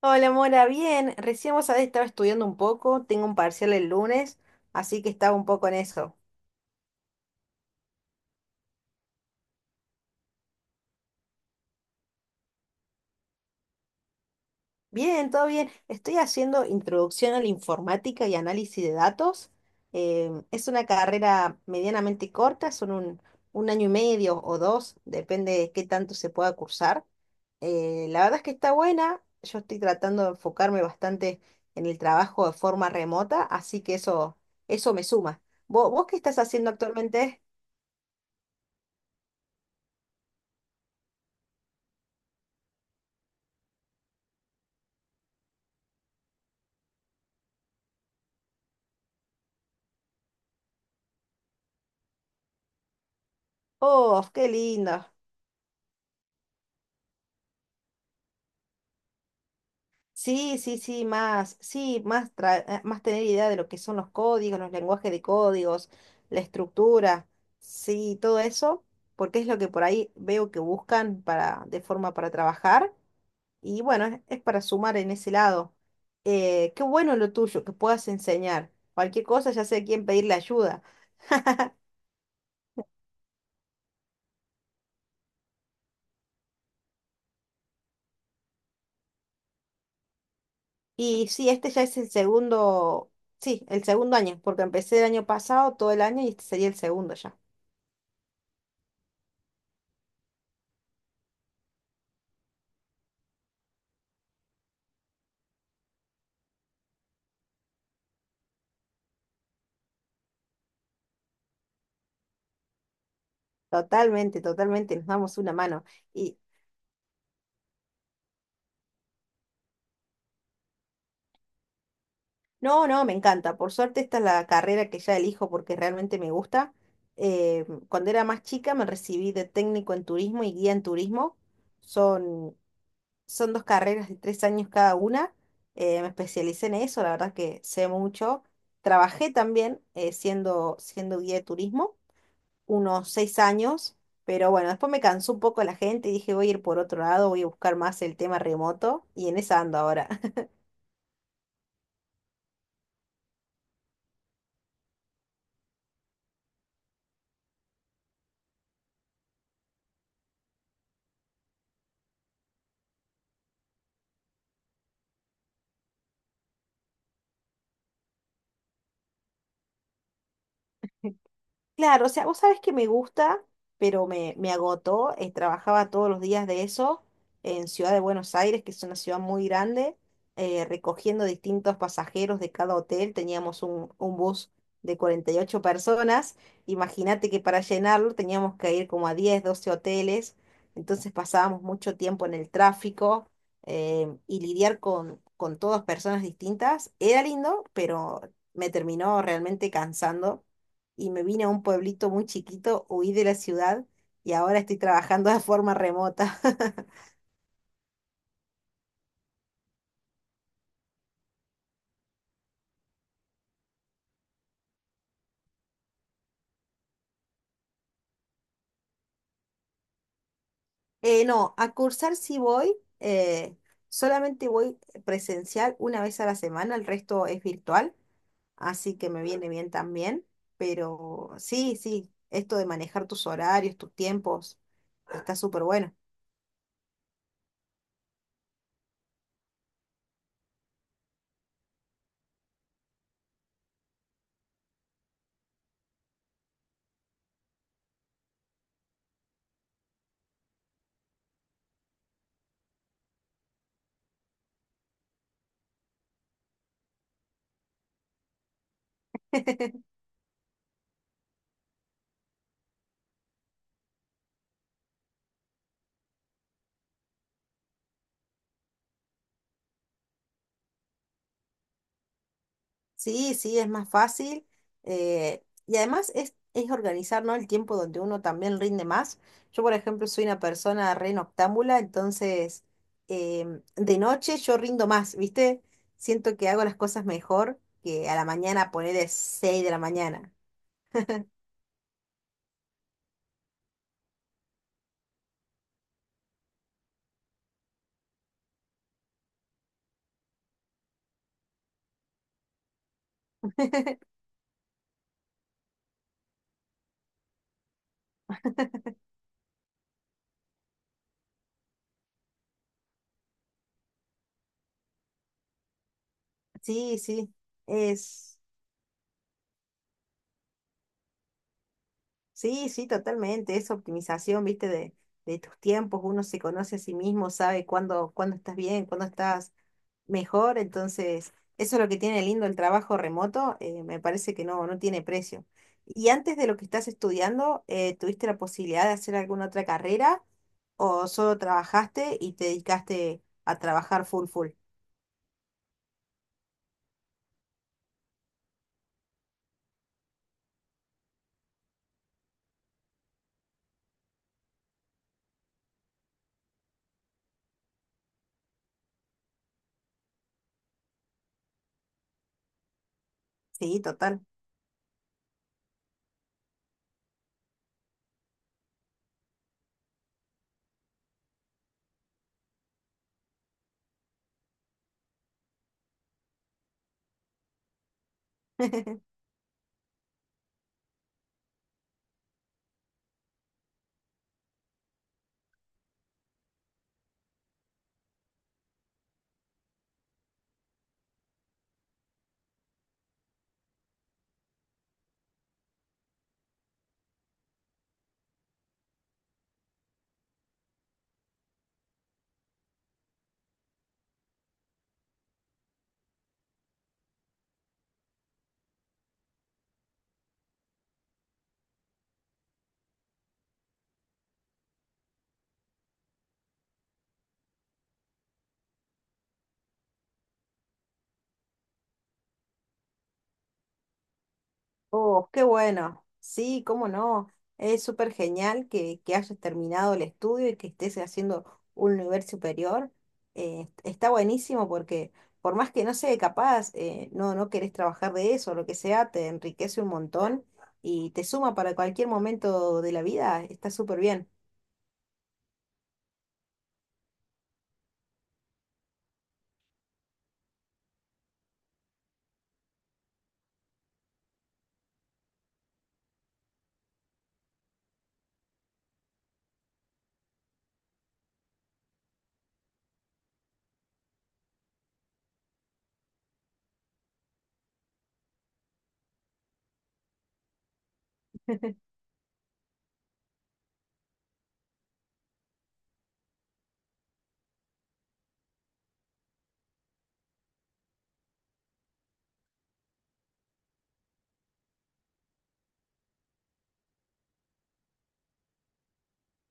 Hola, Mora, bien. Recién vos sabés, estaba estudiando un poco, tengo un parcial el lunes, así que estaba un poco en eso. Bien, todo bien. Estoy haciendo introducción a la informática y análisis de datos. Es una carrera medianamente corta, son un año y medio o dos, depende de qué tanto se pueda cursar. La verdad es que está buena, yo estoy tratando de enfocarme bastante en el trabajo de forma remota, así que eso me suma. ¿Vos qué estás haciendo actualmente? Oh, qué lindo. Sí, sí, sí, más tener idea de lo que son los códigos, los lenguajes de códigos, la estructura, sí, todo eso, porque es lo que por ahí veo que buscan para, de forma para trabajar, y bueno, es para sumar en ese lado. Qué bueno lo tuyo, que puedas enseñar. Cualquier cosa, ya sé a quién pedirle ayuda. Y sí, este ya es el segundo, sí, el segundo año, porque empecé el año pasado, todo el año, y este sería el segundo ya. Totalmente, totalmente, nos damos una mano. Y no, no, me encanta. Por suerte esta es la carrera que ya elijo porque realmente me gusta. Cuando era más chica me recibí de técnico en turismo y guía en turismo. Son, son dos carreras de 3 años cada una. Me especialicé en eso, la verdad que sé mucho. Trabajé también siendo guía de turismo unos 6 años, pero bueno, después me cansó un poco la gente y dije voy a ir por otro lado, voy a buscar más el tema remoto y en esa ando ahora. Claro, o sea, vos sabés que me gusta, pero me agotó. Trabajaba todos los días de eso en Ciudad de Buenos Aires, que es una ciudad muy grande, recogiendo distintos pasajeros de cada hotel. Teníamos un bus de 48 personas. Imagínate que para llenarlo teníamos que ir como a 10, 12 hoteles. Entonces pasábamos mucho tiempo en el tráfico y lidiar con todas personas distintas. Era lindo, pero me terminó realmente cansando y me vine a un pueblito muy chiquito, huí de la ciudad y ahora estoy trabajando de forma remota. No, a cursar sí voy, solamente voy presencial una vez a la semana, el resto es virtual, así que me viene bien también, pero sí, sí, esto de manejar tus horarios, tus tiempos, está súper bueno. Sí, sí, es más fácil. Y además es organizar, ¿no? El tiempo donde uno también rinde más. Yo, por ejemplo, soy una persona re noctámbula, entonces de noche yo rindo más, ¿viste? Siento que hago las cosas mejor que a la mañana poner de 6 de la mañana. Sí, sí, es. Sí, sí, totalmente. Es optimización, viste, de tus tiempos. Uno se conoce a sí mismo, sabe cuándo, cuándo estás bien, cuándo estás mejor. Entonces, eso es lo que tiene lindo el trabajo remoto. Me parece que no, no tiene precio. ¿Y antes de lo que estás estudiando, tuviste la posibilidad de hacer alguna otra carrera o solo trabajaste y te dedicaste a trabajar full full? Sí, total. Oh, qué bueno. Sí, cómo no. Es súper genial que hayas terminado el estudio y que estés haciendo un nivel superior. Está buenísimo porque por más que no sea capaz, no, no querés trabajar de eso, lo que sea, te enriquece un montón y te suma para cualquier momento de la vida. Está súper bien.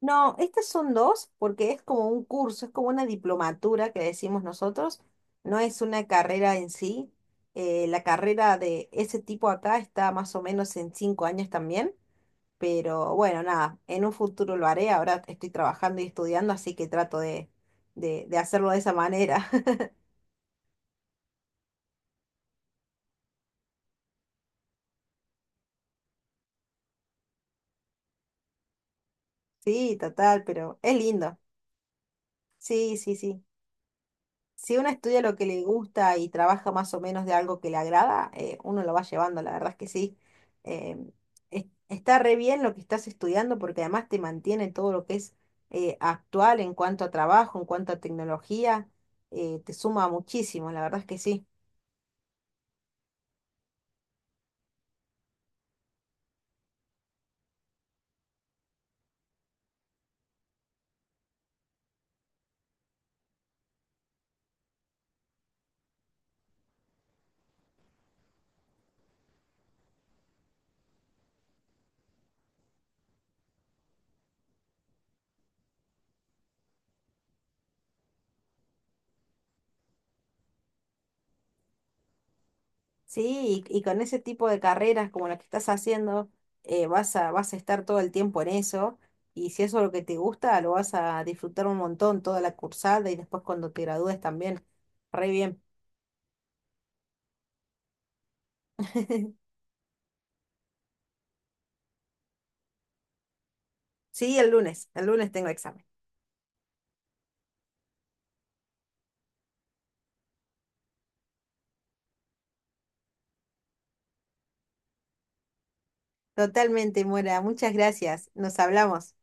No, estas son dos porque es como un curso, es como una diplomatura que decimos nosotros, no es una carrera en sí. La carrera de ese tipo acá está más o menos en 5 años también, pero bueno, nada, en un futuro lo haré, ahora estoy trabajando y estudiando, así que trato de hacerlo de esa manera. Sí, total, pero es lindo. Sí, sí, sí. Si uno estudia lo que le gusta y trabaja más o menos de algo que le agrada, uno lo va llevando, la verdad es que sí. Eh, Está re bien lo que estás estudiando porque además te mantiene todo lo que es actual en cuanto a trabajo, en cuanto a tecnología, te suma muchísimo, la verdad es que sí. Sí, y con ese tipo de carreras como la que estás haciendo, vas a estar todo el tiempo en eso. Y si eso es lo que te gusta, lo vas a disfrutar un montón toda la cursada y después cuando te gradúes también. Re bien. Sí, el lunes tengo examen. Totalmente, Mora. Muchas gracias. Nos hablamos.